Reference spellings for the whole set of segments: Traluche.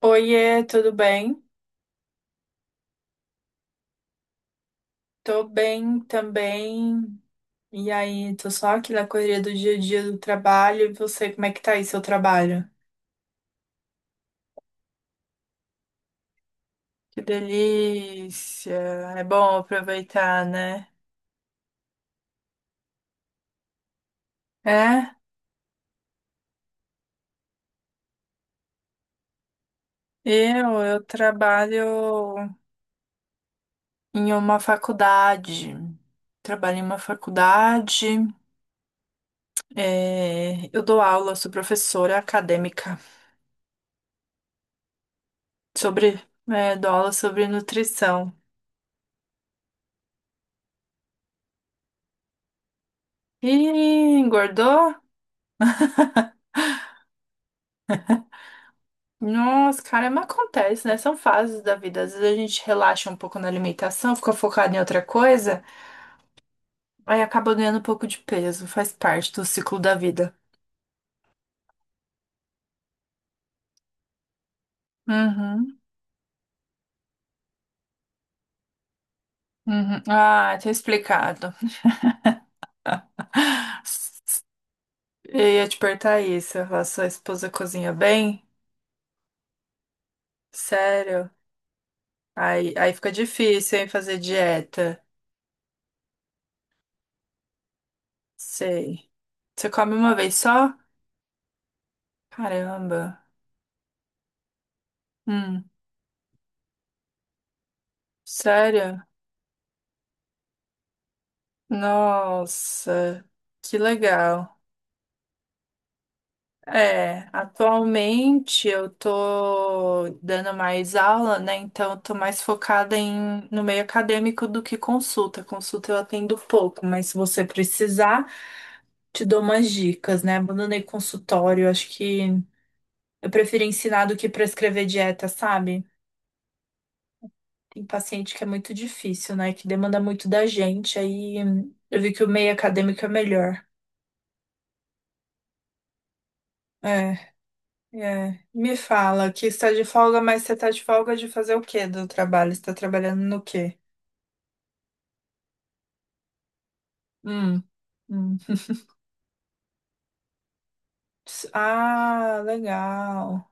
Oiê, tudo bem? Tô bem também. E aí, tô só aqui na correria do dia a dia do trabalho. E você, como é que tá aí seu trabalho? Que delícia! É bom aproveitar, né? É, eu trabalho em uma faculdade. Trabalho em uma faculdade. É, eu dou aula, sou professora acadêmica sobre, é, dou aula sobre nutrição. E engordou? Nossa, caramba, acontece, né? São fases da vida. Às vezes a gente relaxa um pouco na alimentação, fica focado em outra coisa, aí acaba ganhando um pouco de peso. Faz parte do ciclo da vida. Uhum, uhum. Ah, tinha explicado. Eu ia te perguntar isso. A sua esposa cozinha bem? Sério? Aí fica difícil, hein, fazer dieta. Sei. Você come uma vez só? Caramba. Hum, sério? Nossa, que legal. É, atualmente eu tô dando mais aula, né? Então eu tô mais focada em, no meio acadêmico do que consulta. Consulta eu atendo pouco, mas se você precisar, te dou umas dicas, né? Abandonei consultório, acho que eu prefiro ensinar do que prescrever dieta, sabe? Tem paciente que é muito difícil, né? Que demanda muito da gente, aí eu vi que o meio acadêmico é melhor. É. É, me fala que está de folga, mas você está de folga de fazer o quê do trabalho? Você está trabalhando no quê? Hum, hum. Ah, legal.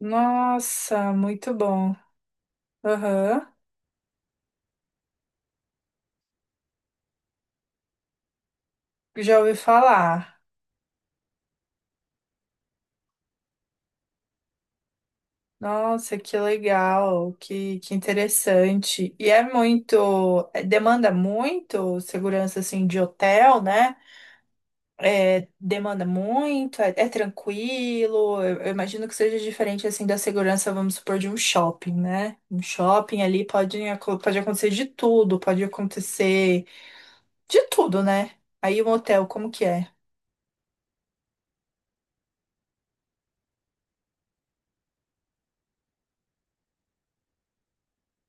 Nossa, muito bom. Aham, já ouvi falar. Nossa, que legal, que interessante. E é muito, é, demanda muito segurança assim de hotel, né? É, demanda muito, é, é tranquilo. Eu imagino que seja diferente assim da segurança, vamos supor, de um shopping, né? Um shopping ali pode, pode acontecer de tudo, pode acontecer de tudo, né? Aí um hotel, como que é?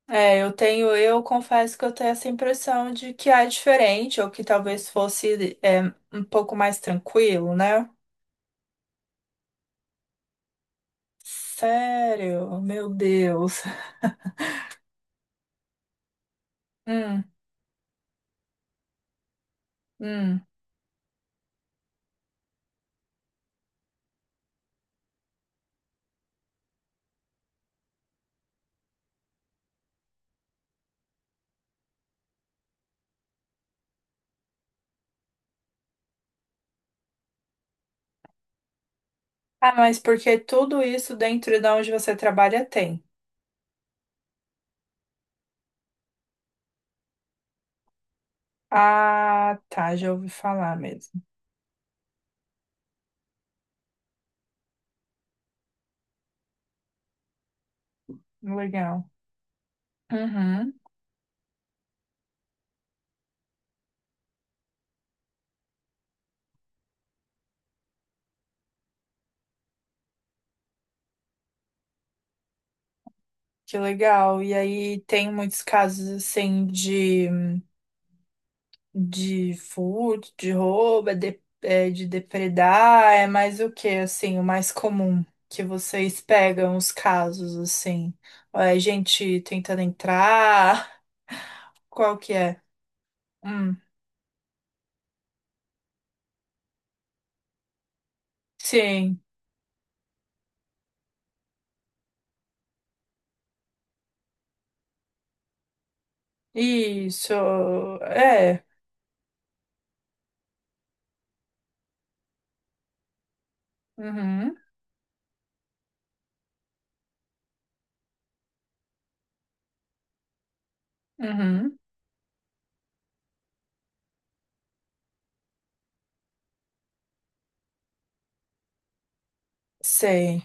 É, eu tenho, eu confesso que eu tenho essa impressão de que é diferente, ou que talvez fosse é, um pouco mais tranquilo, né? Sério, meu Deus. Hum, hum. Ah, mas porque tudo isso dentro de onde você trabalha tem. Ah, tá, já ouvi falar mesmo. Legal. Uhum. Que legal. E aí tem muitos casos assim de furto, de roubo, é de depredar, é mais o que assim, o mais comum que vocês pegam os casos assim. Ou é gente tentando entrar, qual que é? Hum, sim. Isso. É. Uhum. Uhum. Sei,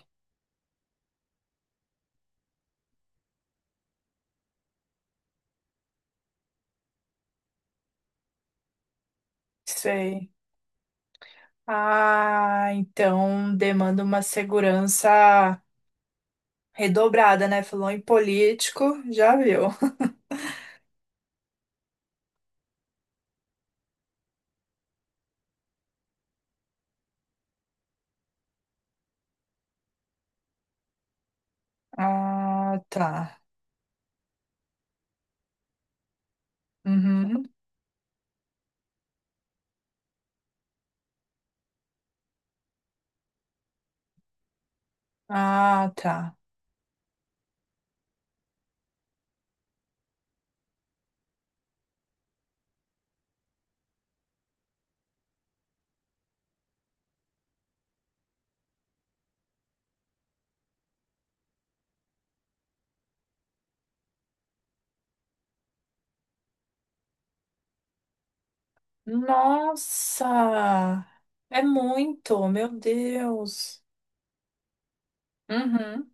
sei. Ah, então demanda uma segurança redobrada, né? Falou em político, já viu. Ah, tá. Uhum. Ah, tá. Nossa! É muito, meu Deus. Uhum,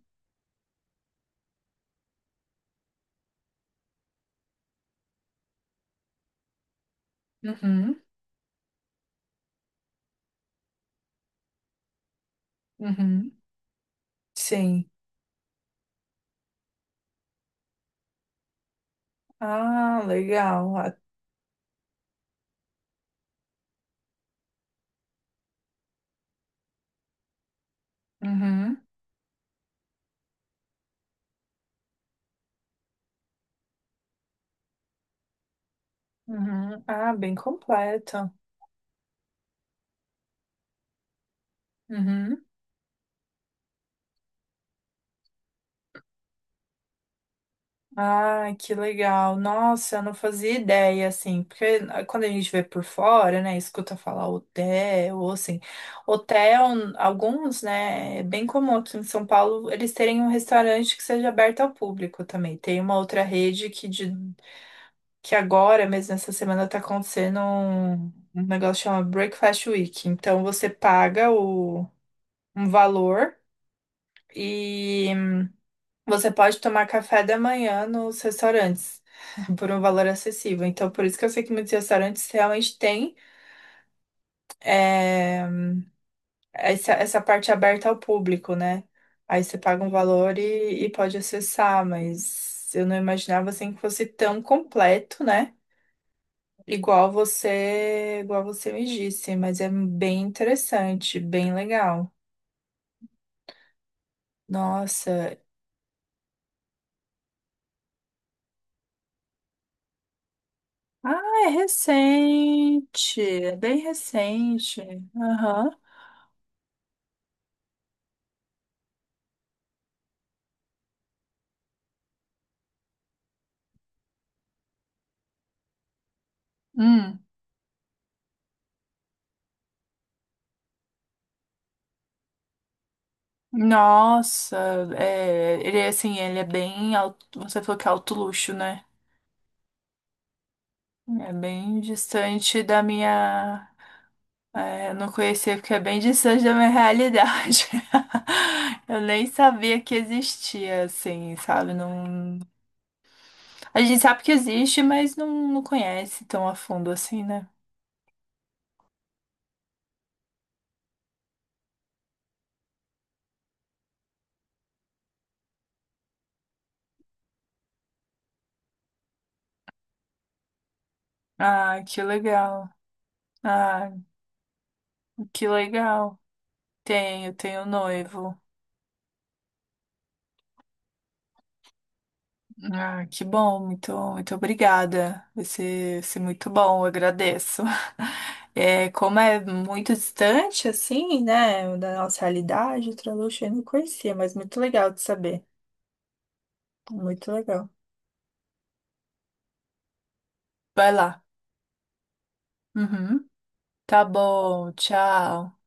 uhum, uhum. Sim. Ah, legal. Ah, uhum, uhum. Ah, bem completo. Uhum. Ai, que legal. Nossa, eu não fazia ideia, assim, porque ah, quando a gente vê por fora, né, escuta falar hotel, ou assim, hotel, alguns, né, é bem comum aqui em São Paulo eles terem um restaurante que seja aberto ao público também. Tem uma outra rede que, de, que agora, mesmo essa semana, tá acontecendo um, um negócio que chama Breakfast Week. Então, você paga o, um valor e... Você pode tomar café da manhã nos restaurantes por um valor acessível. Então, por isso que eu sei que muitos restaurantes realmente têm é, essa parte aberta ao público, né? Aí você paga um valor e pode acessar, mas eu não imaginava assim que fosse tão completo, né? Igual você me disse, mas é bem interessante, bem legal. Nossa, ah, é recente, é bem recente. Aham. Hum. Nossa, é, ele é assim, ele é bem alto, você falou que é alto luxo, né? É bem distante da minha. É, eu não conhecia porque é bem distante da minha realidade. Eu nem sabia que existia, assim, sabe? Não... A gente sabe que existe, mas não, não conhece tão a fundo assim, né? Ah, que legal. Ah, que legal. Tenho, tenho um noivo. Ah, que bom, muito, muito obrigada. Vai ser muito bom, eu agradeço. É, como é muito distante, assim, né, da nossa realidade, o Traluche eu não conhecia, mas muito legal de saber. Muito legal. Vai lá. Uhum. Tá bom, tchau.